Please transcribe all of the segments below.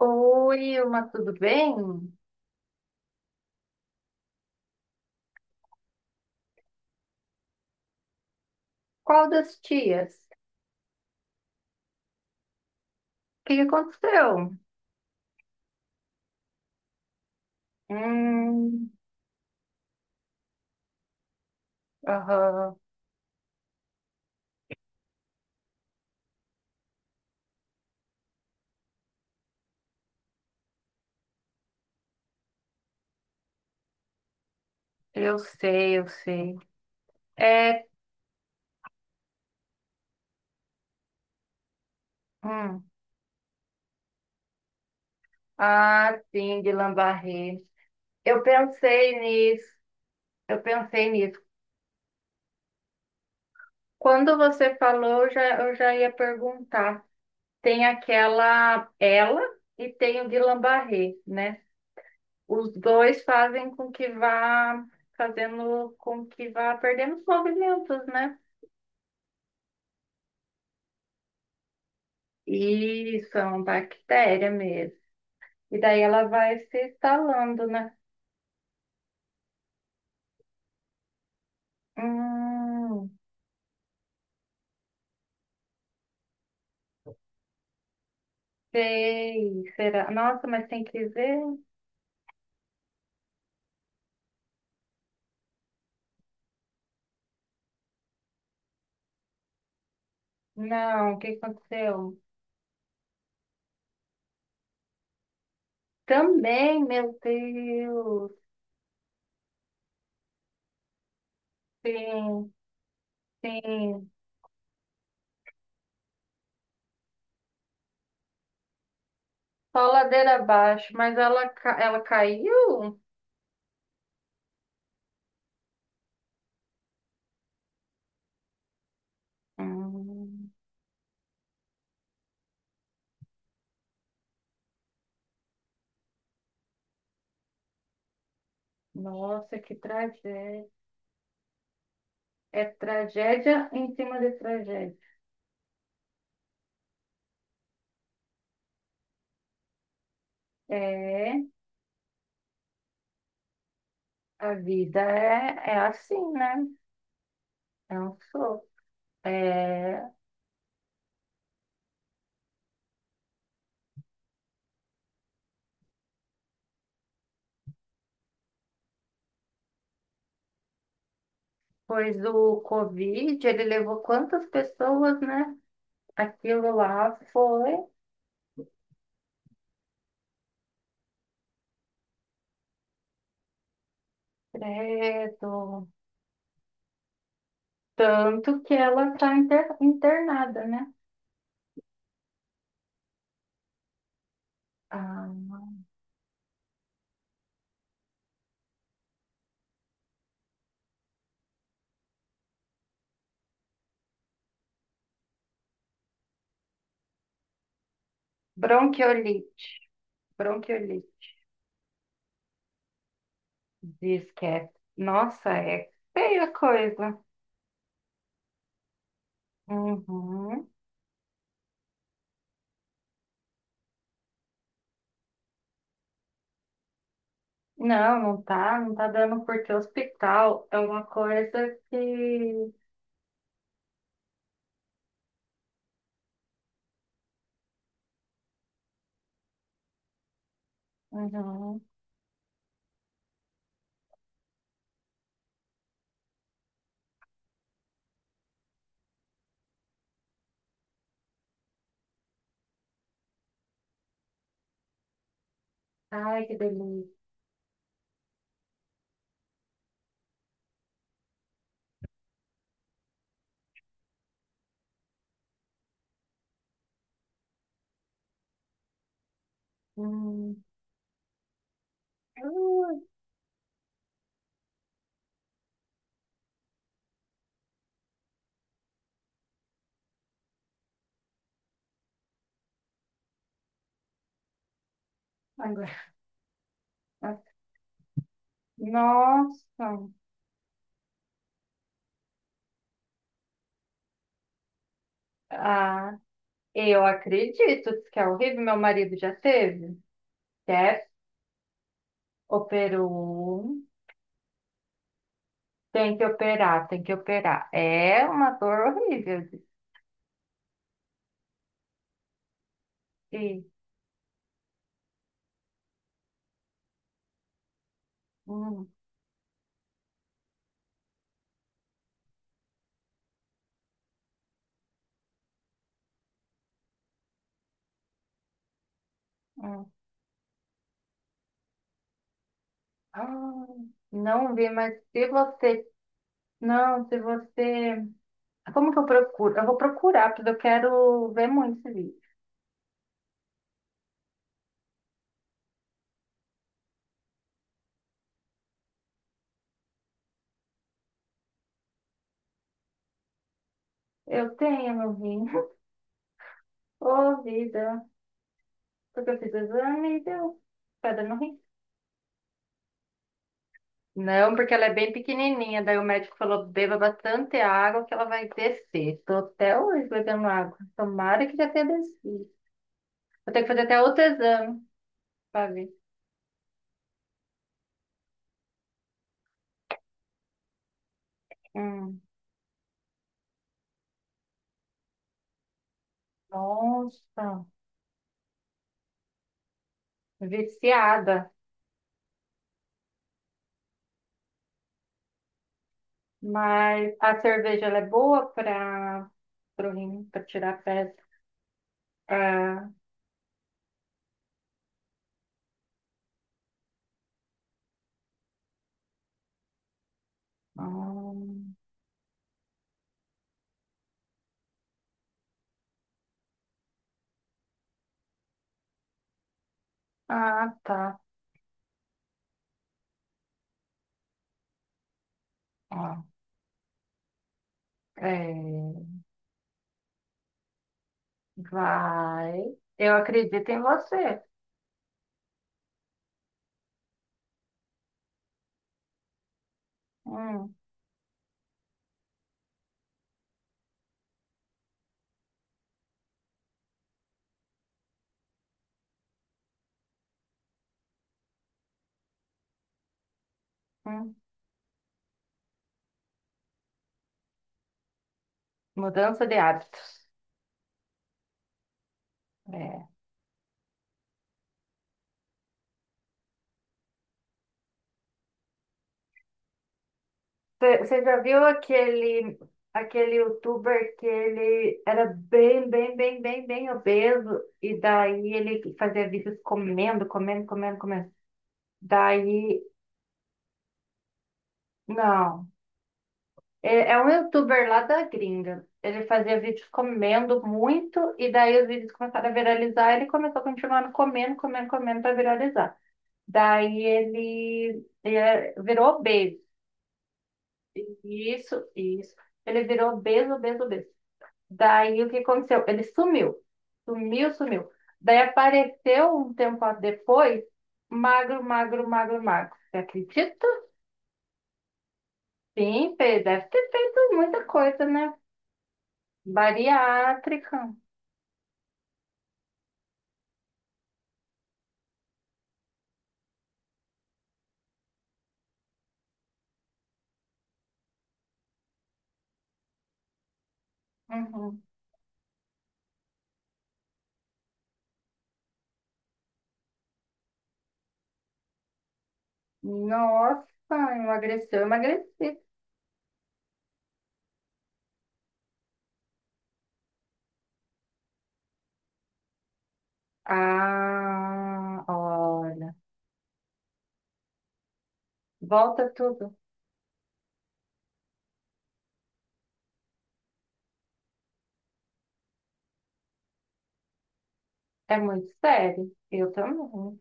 Oi, Ilma, tudo bem? Qual das tias? O que que aconteceu? Hum. Aham. Eu sei, eu sei. É. Hum. Ah, sim, de lambarré. Eu pensei nisso, eu pensei nisso. Quando você falou, eu já ia perguntar. Tem aquela ela e tem o de lambarré, né? Os dois fazem com que vá fazendo com que vá perdendo os movimentos, né? Isso, é uma bactéria mesmo. E daí ela vai se instalando, né? Hum. Sei, será? Nossa, mas tem que ver? Não, o que aconteceu? Também, meu Deus. Sim, sim. Só ladeira abaixo, mas ela, ela caiu? Hum, nossa, que tragédia. É tragédia em cima de tragédia. É, a vida é assim, né? É um sopro. É, pois o Covid, ele levou quantas pessoas, né? Aquilo lá foi, credo. Tanto que ela está internada, né? Ah, bronquiolite. Bronquiolite. Diz que é. Nossa, é feia a coisa. Uhum. Não, não tá dando porque hospital é uma coisa que. Uhum. Ai, que delícia. Hum. Ui. Agora. Nossa. Ah, eu acredito que é horrível. Meu marido já teve. Deve, operou. Tem que operar, tem que operar. É uma dor horrível. E. Hum. Hum. Ah, não vi, mas se você. Não, se você. Como que eu procuro? Eu vou procurar, porque eu quero ver muito esse vídeo. Eu tenho no rim. Ô, vida. Porque eu fiz exame e deu. Pedra no rim. Não, porque ela é bem pequenininha. Daí o médico falou: beba bastante água que ela vai descer. Tô até hoje bebendo água. Tomara que já tenha descido. Vou ter que fazer até outro exame para ver. Hum, nossa, viciada. Mas a cerveja ela é boa para o rim, para tirar pedra. É. Hum, ah, tá. Ó, é, vai. Eu acredito em você. Hum. Hum. Mudança de hábitos. É. Você já viu aquele youtuber que ele era bem obeso e daí ele fazia vídeos comendo. Daí, não. É, é um youtuber lá da gringa. Ele fazia vídeos comendo muito e daí os vídeos começaram a viralizar e ele começou a continuar comendo para viralizar. Daí ele virou obeso. Isso, isso. Ele virou obeso. Daí o que aconteceu? Ele sumiu. Sumiu, sumiu. Daí apareceu um tempo depois, magro. Você acredita? Sim, Pedro, deve ter feito muita coisa, né? Bariátrica. Uhum. Nossa, emagreceu, emagreci. Ah, olha. Volta tudo. É muito sério. Eu também.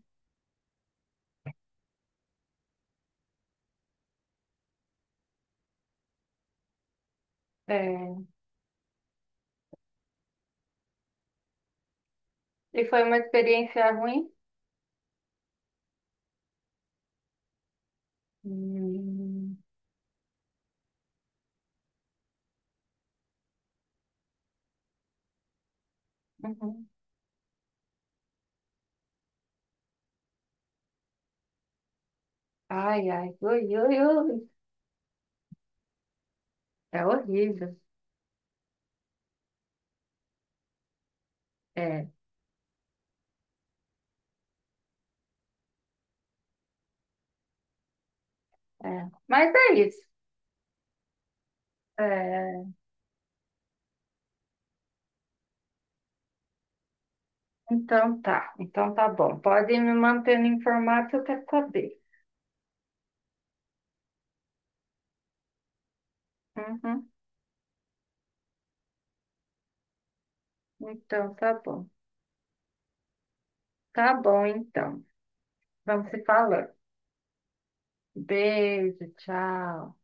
É. E foi uma experiência ruim? Hum. Uhum. Ai, ai, ui, ui, ui. É horrível. É, é. Mas é isso. É, então tá bom. Pode ir me mantendo informado que eu quero saber. Uhum. Então tá bom. Tá bom, então. Vamos se falando. Beijo, tchau.